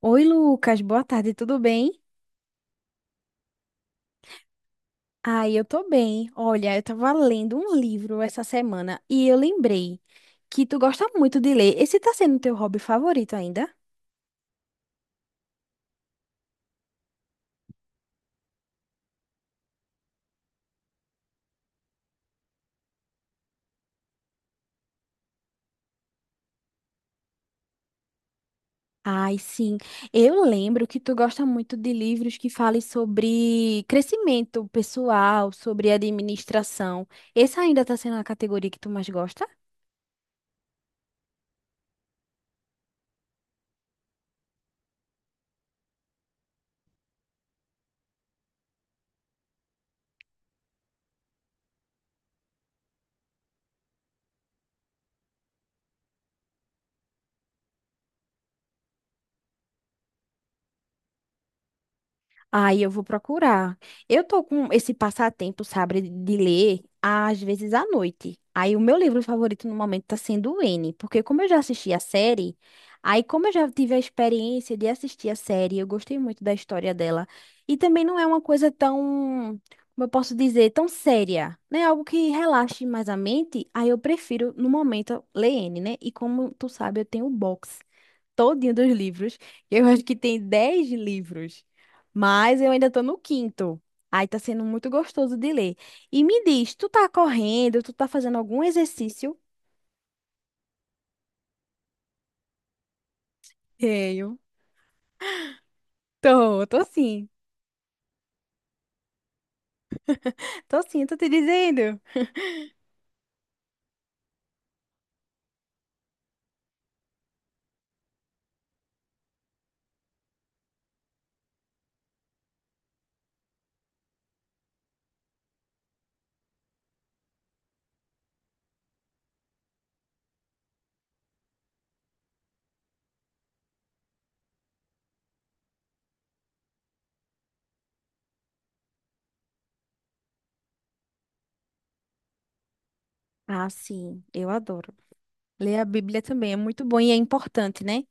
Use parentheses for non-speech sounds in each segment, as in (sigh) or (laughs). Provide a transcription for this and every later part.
Oi, Lucas, boa tarde, tudo bem? Ai, eu tô bem. Olha, eu tava lendo um livro essa semana e eu lembrei que tu gosta muito de ler. Esse tá sendo teu hobby favorito ainda? Ai, sim. Eu lembro que tu gosta muito de livros que falem sobre crescimento pessoal, sobre administração. Essa ainda tá sendo a categoria que tu mais gosta? Aí eu vou procurar. Eu tô com esse passatempo, sabe, de ler às vezes à noite. Aí o meu livro favorito no momento tá sendo o N, porque como eu já assisti a série, aí como eu já tive a experiência de assistir a série, eu gostei muito da história dela. E também não é uma coisa tão, como eu posso dizer, tão séria, né? Algo que relaxe mais a mente, aí eu prefiro no momento ler N, né? E como tu sabe, eu tenho o box todinho dos livros. Eu acho que tem 10 livros, mas eu ainda tô no quinto. Aí tá sendo muito gostoso de ler. E me diz, tu tá correndo, tu tá fazendo algum exercício? Tenho. Tô, tô sim. Tô sim, tô te dizendo. Ah, sim, eu adoro. Ler a Bíblia também é muito bom e é importante, né?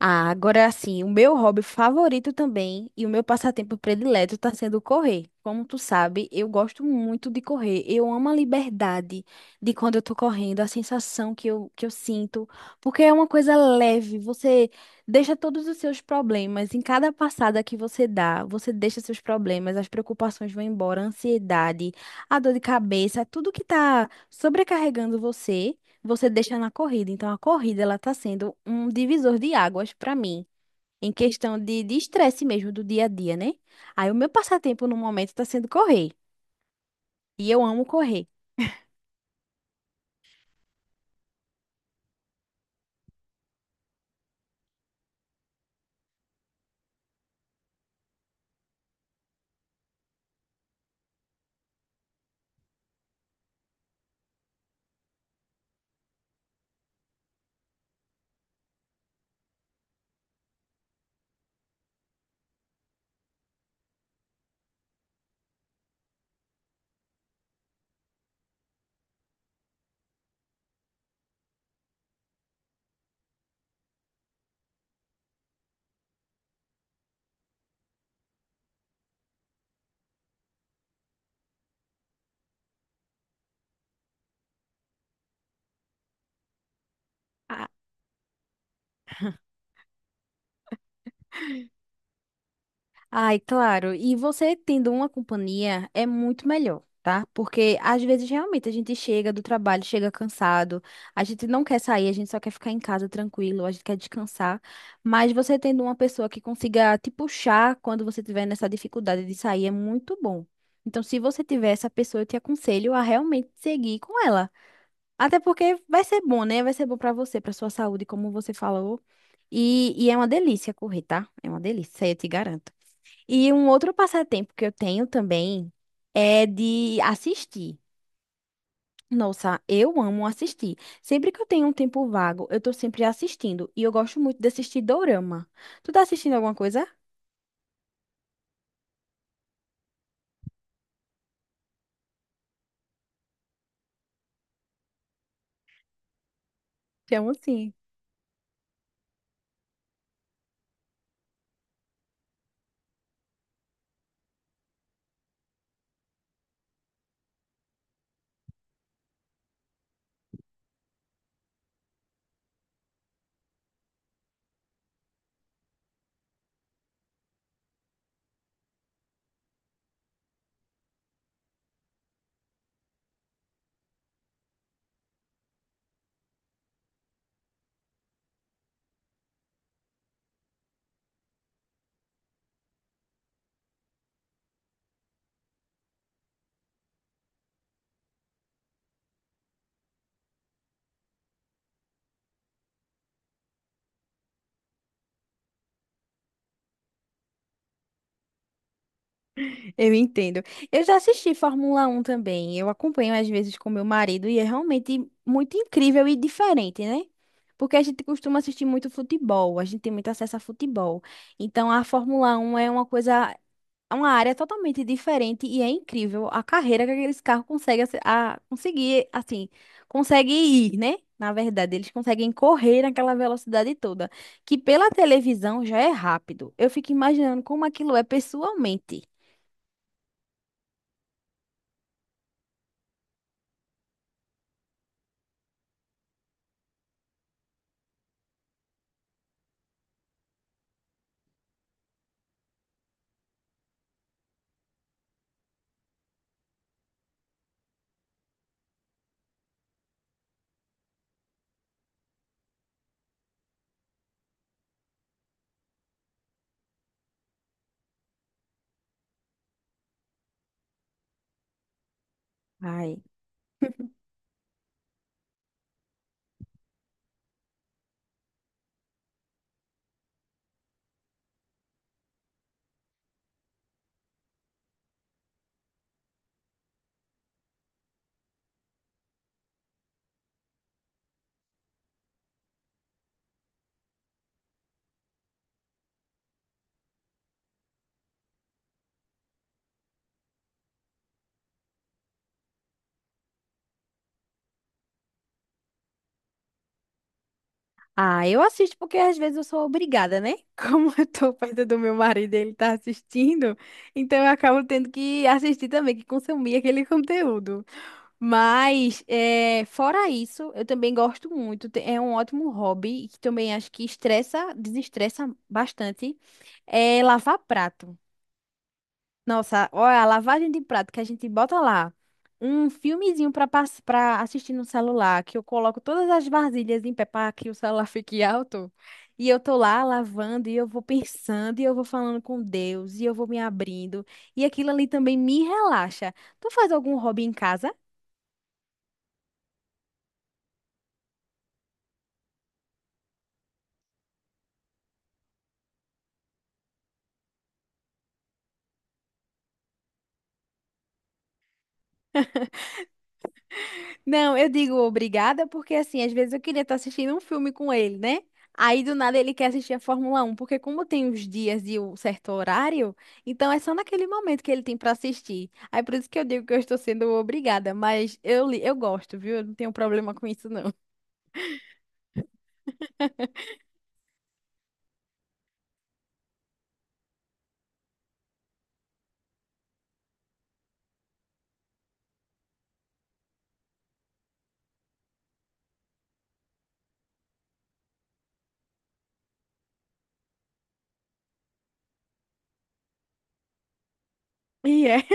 Ah, agora assim, o meu hobby favorito também e o meu passatempo predileto está sendo correr. Como tu sabe, eu gosto muito de correr. Eu amo a liberdade de quando eu tô correndo, a sensação que eu sinto, porque é uma coisa leve. Você deixa todos os seus problemas. Em cada passada que você dá, você deixa seus problemas, as preocupações vão embora, a ansiedade, a dor de cabeça, tudo que tá sobrecarregando você deixa na corrida. Então, a corrida ela está sendo um divisor de águas para mim, em questão de estresse mesmo do dia a dia, né? Aí, o meu passatempo no momento está sendo correr. E eu amo correr. Ai, claro. E você tendo uma companhia é muito melhor, tá? Porque às vezes realmente a gente chega do trabalho, chega cansado, a gente não quer sair, a gente só quer ficar em casa tranquilo, a gente quer descansar. Mas você tendo uma pessoa que consiga te puxar quando você tiver nessa dificuldade de sair é muito bom. Então, se você tiver essa pessoa, eu te aconselho a realmente seguir com ela. Até porque vai ser bom, né? Vai ser bom pra você, pra sua saúde, como você falou. E é uma delícia correr, tá? É uma delícia, isso aí eu te garanto. E um outro passatempo que eu tenho também é de assistir. Nossa, eu amo assistir. Sempre que eu tenho um tempo vago, eu tô sempre assistindo. E eu gosto muito de assistir dorama. Tu tá assistindo alguma coisa? Te amo sim. Eu entendo. Eu já assisti Fórmula 1 também. Eu acompanho às vezes com meu marido e é realmente muito incrível e diferente, né? Porque a gente costuma assistir muito futebol, a gente tem muito acesso a futebol. Então a Fórmula 1 é uma coisa, é uma área totalmente diferente e é incrível a carreira que aqueles carros conseguem conseguir, assim, conseguem ir, né? Na verdade, eles conseguem correr naquela velocidade toda, que pela televisão já é rápido. Eu fico imaginando como aquilo é pessoalmente. Ai. Ah, eu assisto porque às vezes eu sou obrigada, né? (laughs) Como eu tô perto do meu marido, e ele tá assistindo, então eu acabo tendo que assistir também, que consumir aquele conteúdo. Mas, é, fora isso, eu também gosto muito. É um ótimo hobby e que também acho que estressa, desestressa bastante. É lavar prato. Nossa, olha, a lavagem de prato que a gente bota lá. Um filmezinho para assistir no celular, que eu coloco todas as vasilhas em pé para que o celular (laughs) fique alto. E eu tô lá lavando e eu vou pensando e eu vou falando com Deus e eu vou me abrindo. E aquilo ali também me relaxa. Tu faz algum hobby em casa? Não, eu digo obrigada porque, assim, às vezes eu queria estar assistindo um filme com ele, né? Aí do nada ele quer assistir a Fórmula 1, porque como tem os dias e o certo horário, então é só naquele momento que ele tem para assistir. Aí por isso que eu digo que eu estou sendo obrigada, mas eu gosto, viu? Eu não tenho problema com isso, não. (laughs) E é.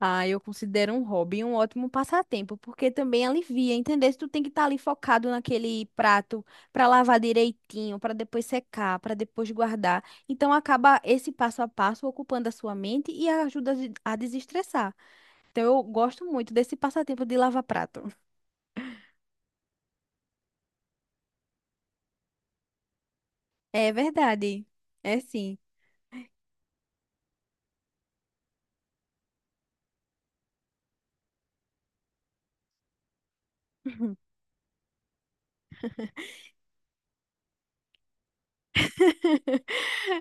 Ah, eu considero um hobby um ótimo passatempo, porque também alivia, entendeu? Se tu tem que estar ali focado naquele prato para lavar direitinho, para depois secar, para depois guardar. Então acaba esse passo a passo ocupando a sua mente e ajuda a desestressar. Então eu gosto muito desse passatempo de lavar prato. É verdade. É sim. (laughs)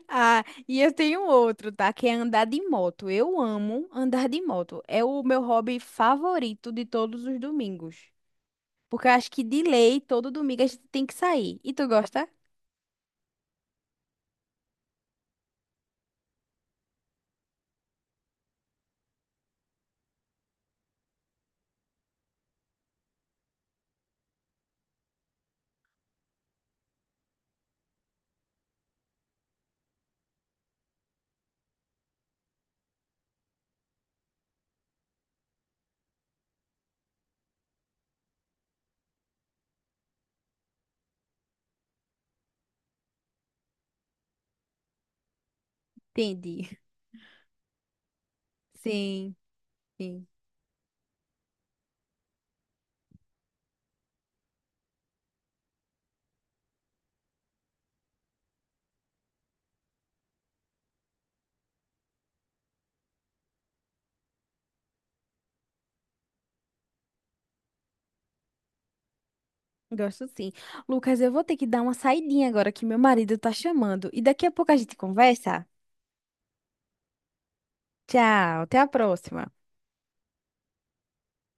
Ah, e eu tenho outro, tá? Que é andar de moto. Eu amo andar de moto. É o meu hobby favorito de todos os domingos. Porque eu acho que de lei, todo domingo a gente tem que sair. E tu gosta? Entendi. (laughs) Sim, sim. Gosto sim. Lucas, eu vou ter que dar uma saidinha agora que meu marido tá chamando. E daqui a pouco a gente conversa. Tchau, até a próxima.